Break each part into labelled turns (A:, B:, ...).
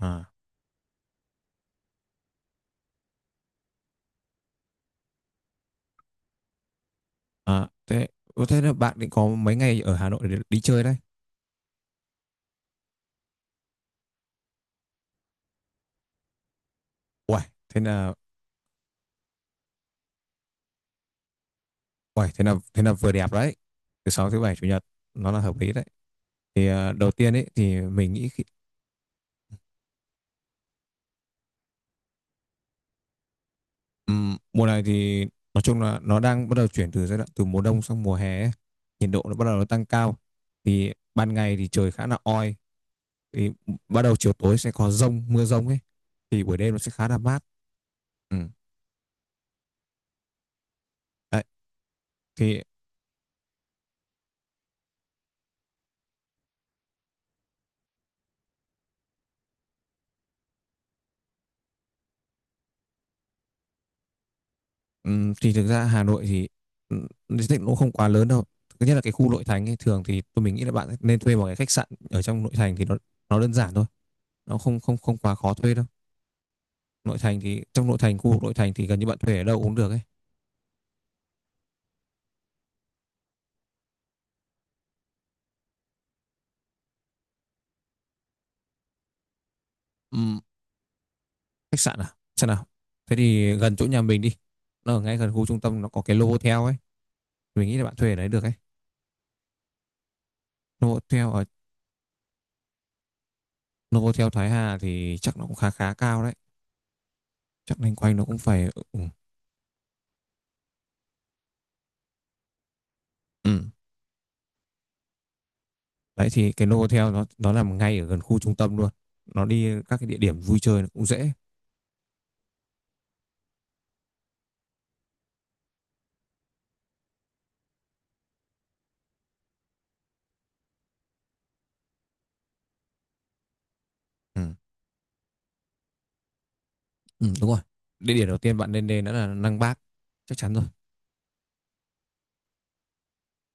A: À, à, thế Thế là bạn định có mấy ngày ở Hà Nội để đi chơi đấy? Uầy, thế là uầy, thế là vừa đẹp đấy. Thứ sáu, thứ bảy, chủ nhật nó là hợp lý đấy. Thì đầu tiên ấy thì mình nghĩ mùa này thì nói chung là nó đang bắt đầu chuyển từ giai đoạn từ mùa đông sang mùa hè ấy. Nhiệt độ nó bắt đầu nó tăng cao. Thì ban ngày thì trời khá là oi. Thì bắt đầu chiều tối sẽ có dông, mưa dông ấy. Thì buổi đêm nó sẽ khá là mát. Ừ. Đấy. Thì thì thực ra Hà Nội thì diện tích nó cũng không quá lớn đâu. Thứ nhất là cái khu nội thành ấy, thường thì mình nghĩ là bạn nên thuê một cái khách sạn ở trong nội thành thì nó đơn giản thôi, nó không không không quá khó thuê đâu. Nội thành thì trong nội thành khu nội thành thì gần như bạn thuê ở đâu cũng được ấy. Ừm, khách sạn à? Sao nào? Thế thì gần chỗ nhà mình đi. Nó ở ngay gần khu trung tâm, nó có cái Novotel ấy, mình nghĩ là bạn thuê ở đấy được ấy. Novotel ở Novotel Thái Hà thì chắc nó cũng khá khá cao đấy. Chắc loanh quanh nó cũng phải ừ, đấy thì cái Novotel nó nằm ngay ở gần khu trung tâm luôn, nó đi các cái địa điểm vui chơi nó cũng dễ. Ừ. Ừ đúng rồi, địa điểm đầu tiên bạn nên đến đó là Năng Bác, chắc chắn rồi.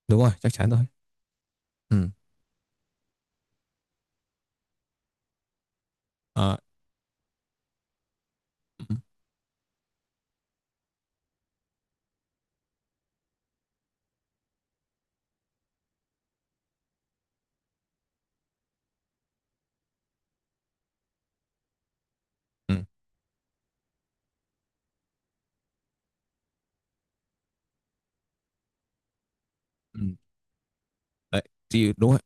A: Đúng rồi, chắc chắn rồi. Ừ. Ờ. Ừ. Ừ. Ừ. Đấy thì đúng rồi.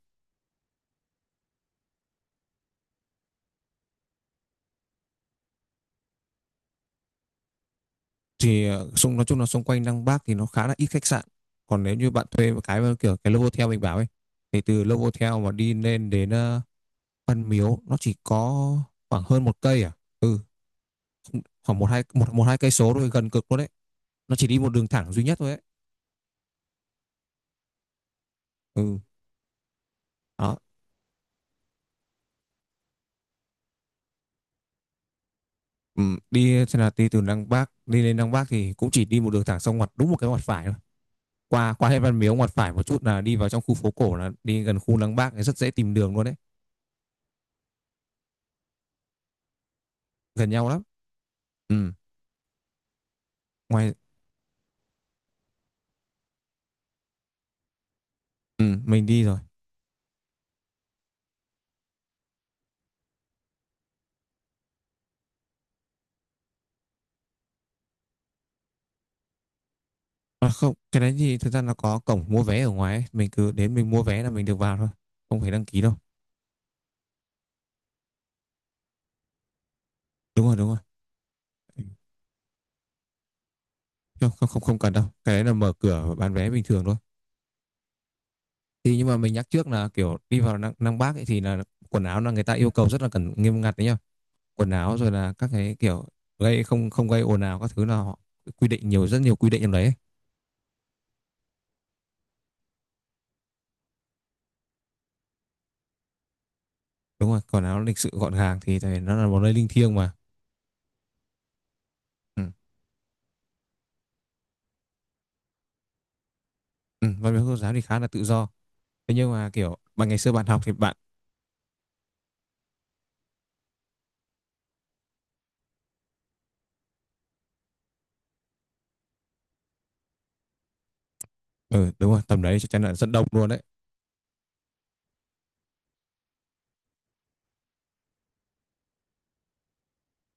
A: Thì ờ, xung nói chung là xung quanh Năng Bác thì nó khá là ít khách sạn, còn nếu như bạn thuê một cái kiểu cái Novotel mình bảo ấy thì từ Novotel mà đi lên đến Văn Miếu nó chỉ có khoảng hơn một cây à. Ừ, khoảng một hai cây số thôi, gần cực luôn đấy, nó chỉ đi một đường thẳng duy nhất thôi ấy. Ừ. Đó. ừ, Đi xem là đi từ Đăng Bác, đi lên Đăng Bác thì cũng chỉ đi một đường thẳng xong ngoặt đúng một cái ngoặt phải thôi, qua qua hết Văn Miếu ngoặt phải một chút là đi vào trong khu phố cổ, là đi gần khu Đăng Bác thì rất dễ tìm đường luôn đấy, gần nhau lắm. Ừ. Ngoài. Ừ mình đi rồi. À, không, cái đấy thì thực ra nó có cổng mua vé ở ngoài ấy. Mình cứ đến mình mua vé là mình được vào thôi, không phải đăng ký đâu. Đúng rồi, đúng rồi. Ừ. Không, không cần đâu, cái đấy là mở cửa bán vé bình thường thôi. Thì nhưng mà mình nhắc trước là kiểu đi vào Nam Bắc ấy thì là quần áo là người ta yêu cầu rất là nghiêm ngặt đấy nhá. Quần áo rồi là các cái kiểu gây không không gây ồn ào các thứ là họ quy định nhiều, rất nhiều quy định trong đấy ấy. Đúng rồi, quần áo lịch sự gọn gàng thì tại vì nó là một nơi linh thiêng mà. Ừ. Ừ. Văn miếu quốc giáo thì khá là tự do. Thế nhưng mà kiểu bạn ngày xưa bạn học thì bạn. Ừ, đúng rồi, tầm đấy chắc chắn là rất đông luôn đấy.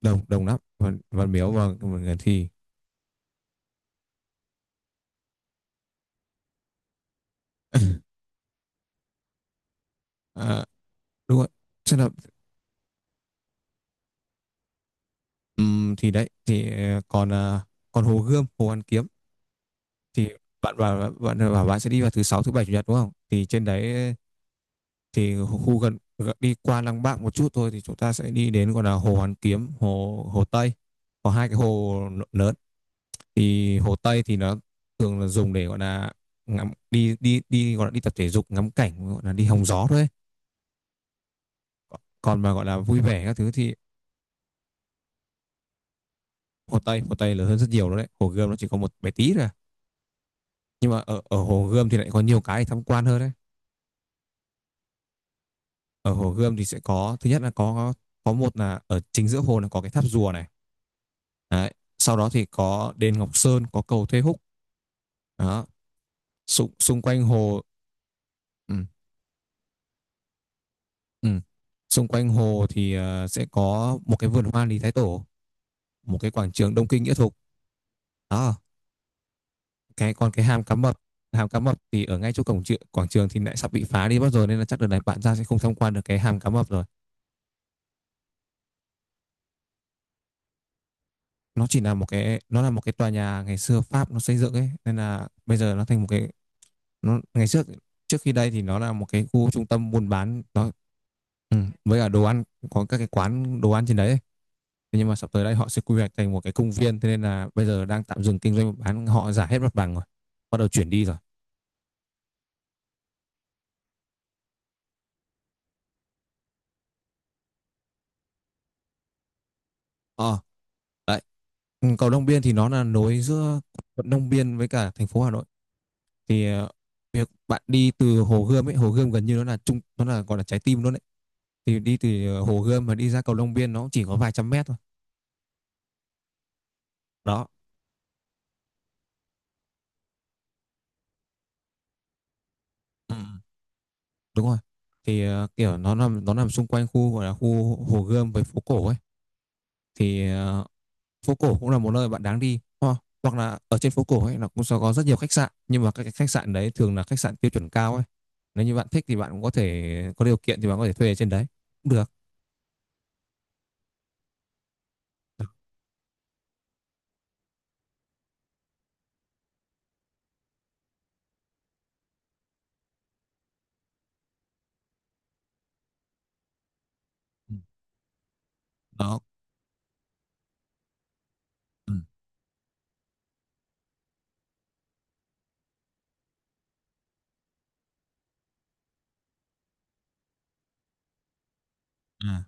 A: Đông đông lắm, văn miếu và thì à, đúng rồi. Chắc là thì đấy thì còn còn Hồ Gươm, Hồ Hoàn Kiếm thì bạn bảo bạn sẽ đi vào thứ sáu, thứ bảy, chủ nhật đúng không, thì trên đấy thì khu gần gần- đi qua Lăng Bác một chút thôi thì chúng ta sẽ đi đến gọi là hồ Hoàn Kiếm, hồ hồ Tây, có hai cái hồ lớn. Thì hồ Tây thì nó thường là dùng để gọi là ngắm, đi đi đi gọi là đi tập thể dục, ngắm cảnh, gọi là đi hóng gió thôi ấy. Còn mà gọi là vui vẻ các thứ thì. Hồ Tây lớn hơn rất nhiều, đó đấy, hồ Gươm nó chỉ có một bé tí thôi à. Nhưng mà ở ở hồ Gươm thì lại có nhiều cái để tham quan hơn đấy. Ở Hồ Gươm thì sẽ có, thứ nhất là có một là ở chính giữa hồ là có cái tháp rùa này. Đấy. Sau đó thì có đền Ngọc Sơn, có cầu Thê Húc. Đó. Xung quanh hồ. Ừ, ừ. Xung quanh hồ thì sẽ có một cái vườn hoa Lý Thái Tổ, một cái quảng trường Đông Kinh Nghĩa Thục. Đó. Còn cái hàm cá mập, hàm cá mập thì ở ngay chỗ cổng trường, quảng trường thì lại sắp bị phá đi mất rồi, nên là chắc đợt này bạn ra sẽ không tham quan được cái hàm cá mập rồi. Nó chỉ là một cái, nó là một cái tòa nhà ngày xưa Pháp nó xây dựng ấy, nên là bây giờ nó thành một cái. Nó ngày trước, trước khi đây thì nó là một cái khu trung tâm buôn bán nó ừ, với cả đồ ăn, có các cái quán đồ ăn trên đấy ấy. Thế nhưng mà sắp tới đây họ sẽ quy hoạch thành một cái công viên, thế nên là bây giờ đang tạm dừng kinh doanh bán, họ giải hết mặt bằng rồi, bắt đầu chuyển đi rồi. ờ Đấy. Ừ, cầu Long Biên thì nó là nối giữa quận Long Biên với cả thành phố Hà Nội. Thì việc bạn đi từ Hồ Gươm ấy, Hồ Gươm gần như nó là gọi là trái tim luôn đấy, thì đi từ Hồ Gươm mà đi ra cầu Long Biên nó chỉ có vài trăm mét thôi. Đó. Ừ. Đúng rồi, thì kiểu nó nằm xung quanh khu gọi là khu Hồ Gươm với phố cổ ấy. Thì phố cổ cũng là một nơi bạn đáng đi, hoặc là ở trên phố cổ ấy nó cũng sẽ có rất nhiều khách sạn, nhưng mà các cái khách sạn đấy thường là khách sạn tiêu chuẩn cao ấy. Nếu như bạn thích thì bạn cũng có thể, có điều kiện thì bạn có thể thuê ở trên đấy cũng được. Ừ. Đó. Ừ. À.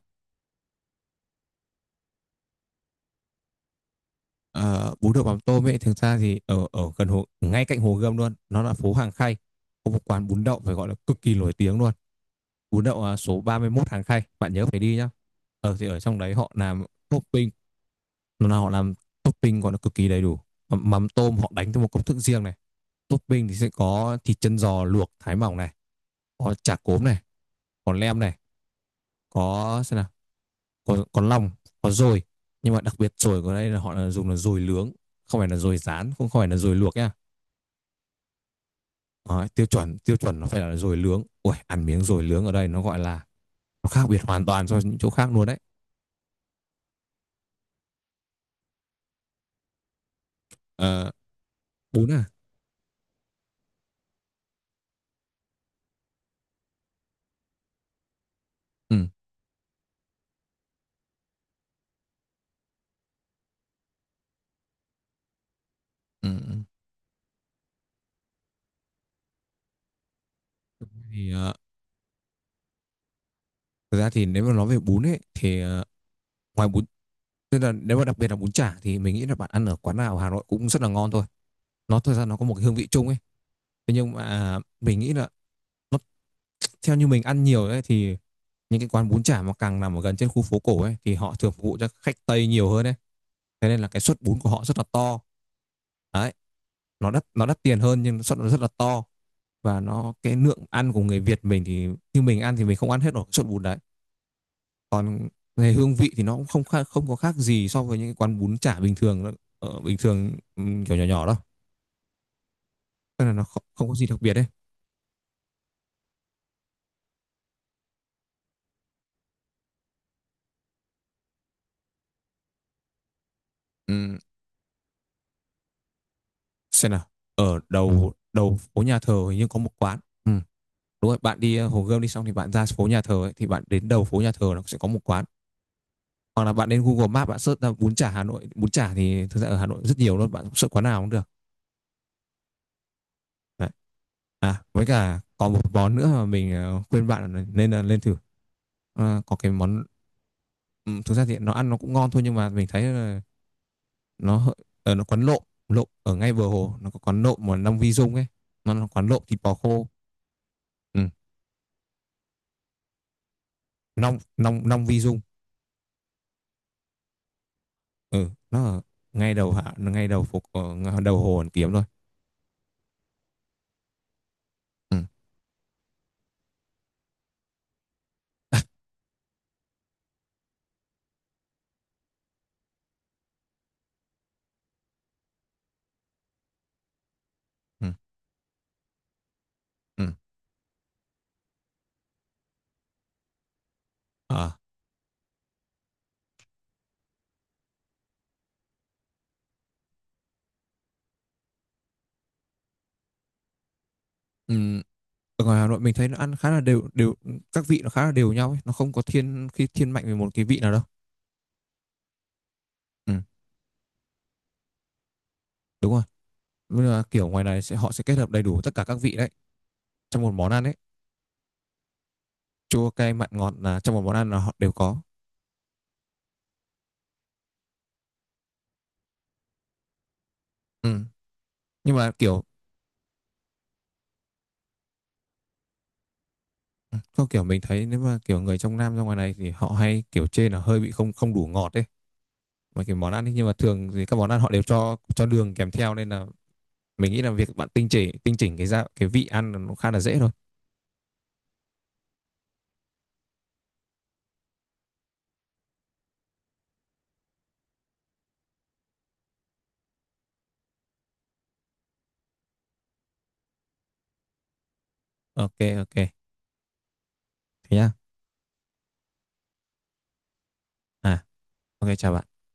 A: Ờ, bún đậu mắm tôm ấy, thực ra thì ở ở gần hồ, ngay cạnh Hồ Gươm luôn, nó là phố Hàng Khay, có một quán bún đậu phải gọi là cực kỳ nổi tiếng luôn. Bún đậu à, số ba mươi 31 Hàng Khay, bạn nhớ phải đi nhá. Ờ thì ở trong đấy họ làm topping, nó là họ làm topping còn nó cực kỳ đầy đủ. Mắm tôm họ đánh theo một công thức riêng này. Topping thì sẽ có thịt chân giò luộc thái mỏng này, có chả cốm này, có lem này, có xem nào có lòng, có dồi, nhưng mà đặc biệt dồi của đây là họ là dùng là dồi nướng, không phải là dồi rán, không không phải là dồi luộc nhá. Đấy, tiêu chuẩn nó phải là dồi nướng, ui ăn miếng dồi nướng ở đây nó gọi là nó khác biệt hoàn toàn so với những chỗ khác luôn đấy. Ờ, bún à. Ừ. Ừ. Ừ. Thì thực ra thì nếu mà nói về bún ấy thì ờ, ngoài bún tức là nếu mà đặc biệt là bún chả thì mình nghĩ là bạn ăn ở quán nào ở Hà Nội cũng rất là ngon thôi. Nó thực ra nó có một cái hương vị chung ấy. Thế nhưng mà mình nghĩ là nó, theo như mình ăn nhiều ấy thì những cái quán bún chả mà càng nằm ở gần trên khu phố cổ ấy thì họ thường phục vụ cho khách Tây nhiều hơn ấy. Thế nên là cái suất bún của họ rất là to. Đấy, nó đắt tiền hơn nhưng suất nó rất là to, và nó cái lượng ăn của người Việt mình thì như mình ăn thì mình không ăn hết nổi suất bún đấy. Còn về hương vị thì nó cũng không khác, không có khác gì so với những cái quán bún chả bình thường đâu. Bình thường, ừ, kiểu nhỏ nhỏ đâu, nên là nó không, không có gì đặc biệt đấy. Ừm, xem nào, ở đầu đầu phố nhà thờ hình như có một quán. Ừm, đúng rồi, bạn đi Hồ Gươm đi xong thì bạn ra phố nhà thờ ấy, thì bạn đến đầu phố nhà thờ nó sẽ có một quán, hoặc là bạn đến Google Maps bạn search ra bún chả Hà Nội, bún chả thì thực ra ở Hà Nội rất nhiều luôn, bạn search quán nào cũng được. Đấy. À với cả còn một món nữa mà mình khuyên bạn là nên là lên thử. Ờ, có cái món. Ừ, thực ra thì nó ăn nó cũng ngon thôi nhưng mà mình thấy là nó ở nó quán lộm lộm ở ngay bờ hồ, nó có quán lộm mà Long Vi Dung ấy, nó là quán lộm thịt bò khô. Ừ. Long Long Long Vi Dung. Ừ nó ở ngay đầu phục ở ng- đầu hồ Hoàn Kiếm thôi. Ừ. Ừ. Ừ. À. Ừ. Ở ngoài Hà Nội mình thấy nó ăn khá là đều đều, các vị nó khá là đều nhau ấy, nó không có thiên mạnh về một cái vị nào đâu. Ừ. Đúng rồi. Với là kiểu ngoài này sẽ họ sẽ kết hợp đầy đủ tất cả các vị đấy trong một món ăn ấy, chua cay mặn ngọt là trong một món ăn là họ đều có. Ừ. Nhưng mà kiểu có kiểu mình thấy nếu mà kiểu người trong Nam ra ngoài này thì họ hay kiểu chê là hơi bị không không đủ ngọt ấy, mà kiểu món ăn ấy, nhưng mà thường thì các món ăn họ đều cho đường kèm theo, nên là mình nghĩ là việc bạn tinh chỉnh cái cái vị ăn là nó khá là dễ thôi. Ok ok. Thế nhá. À ok chào bạn.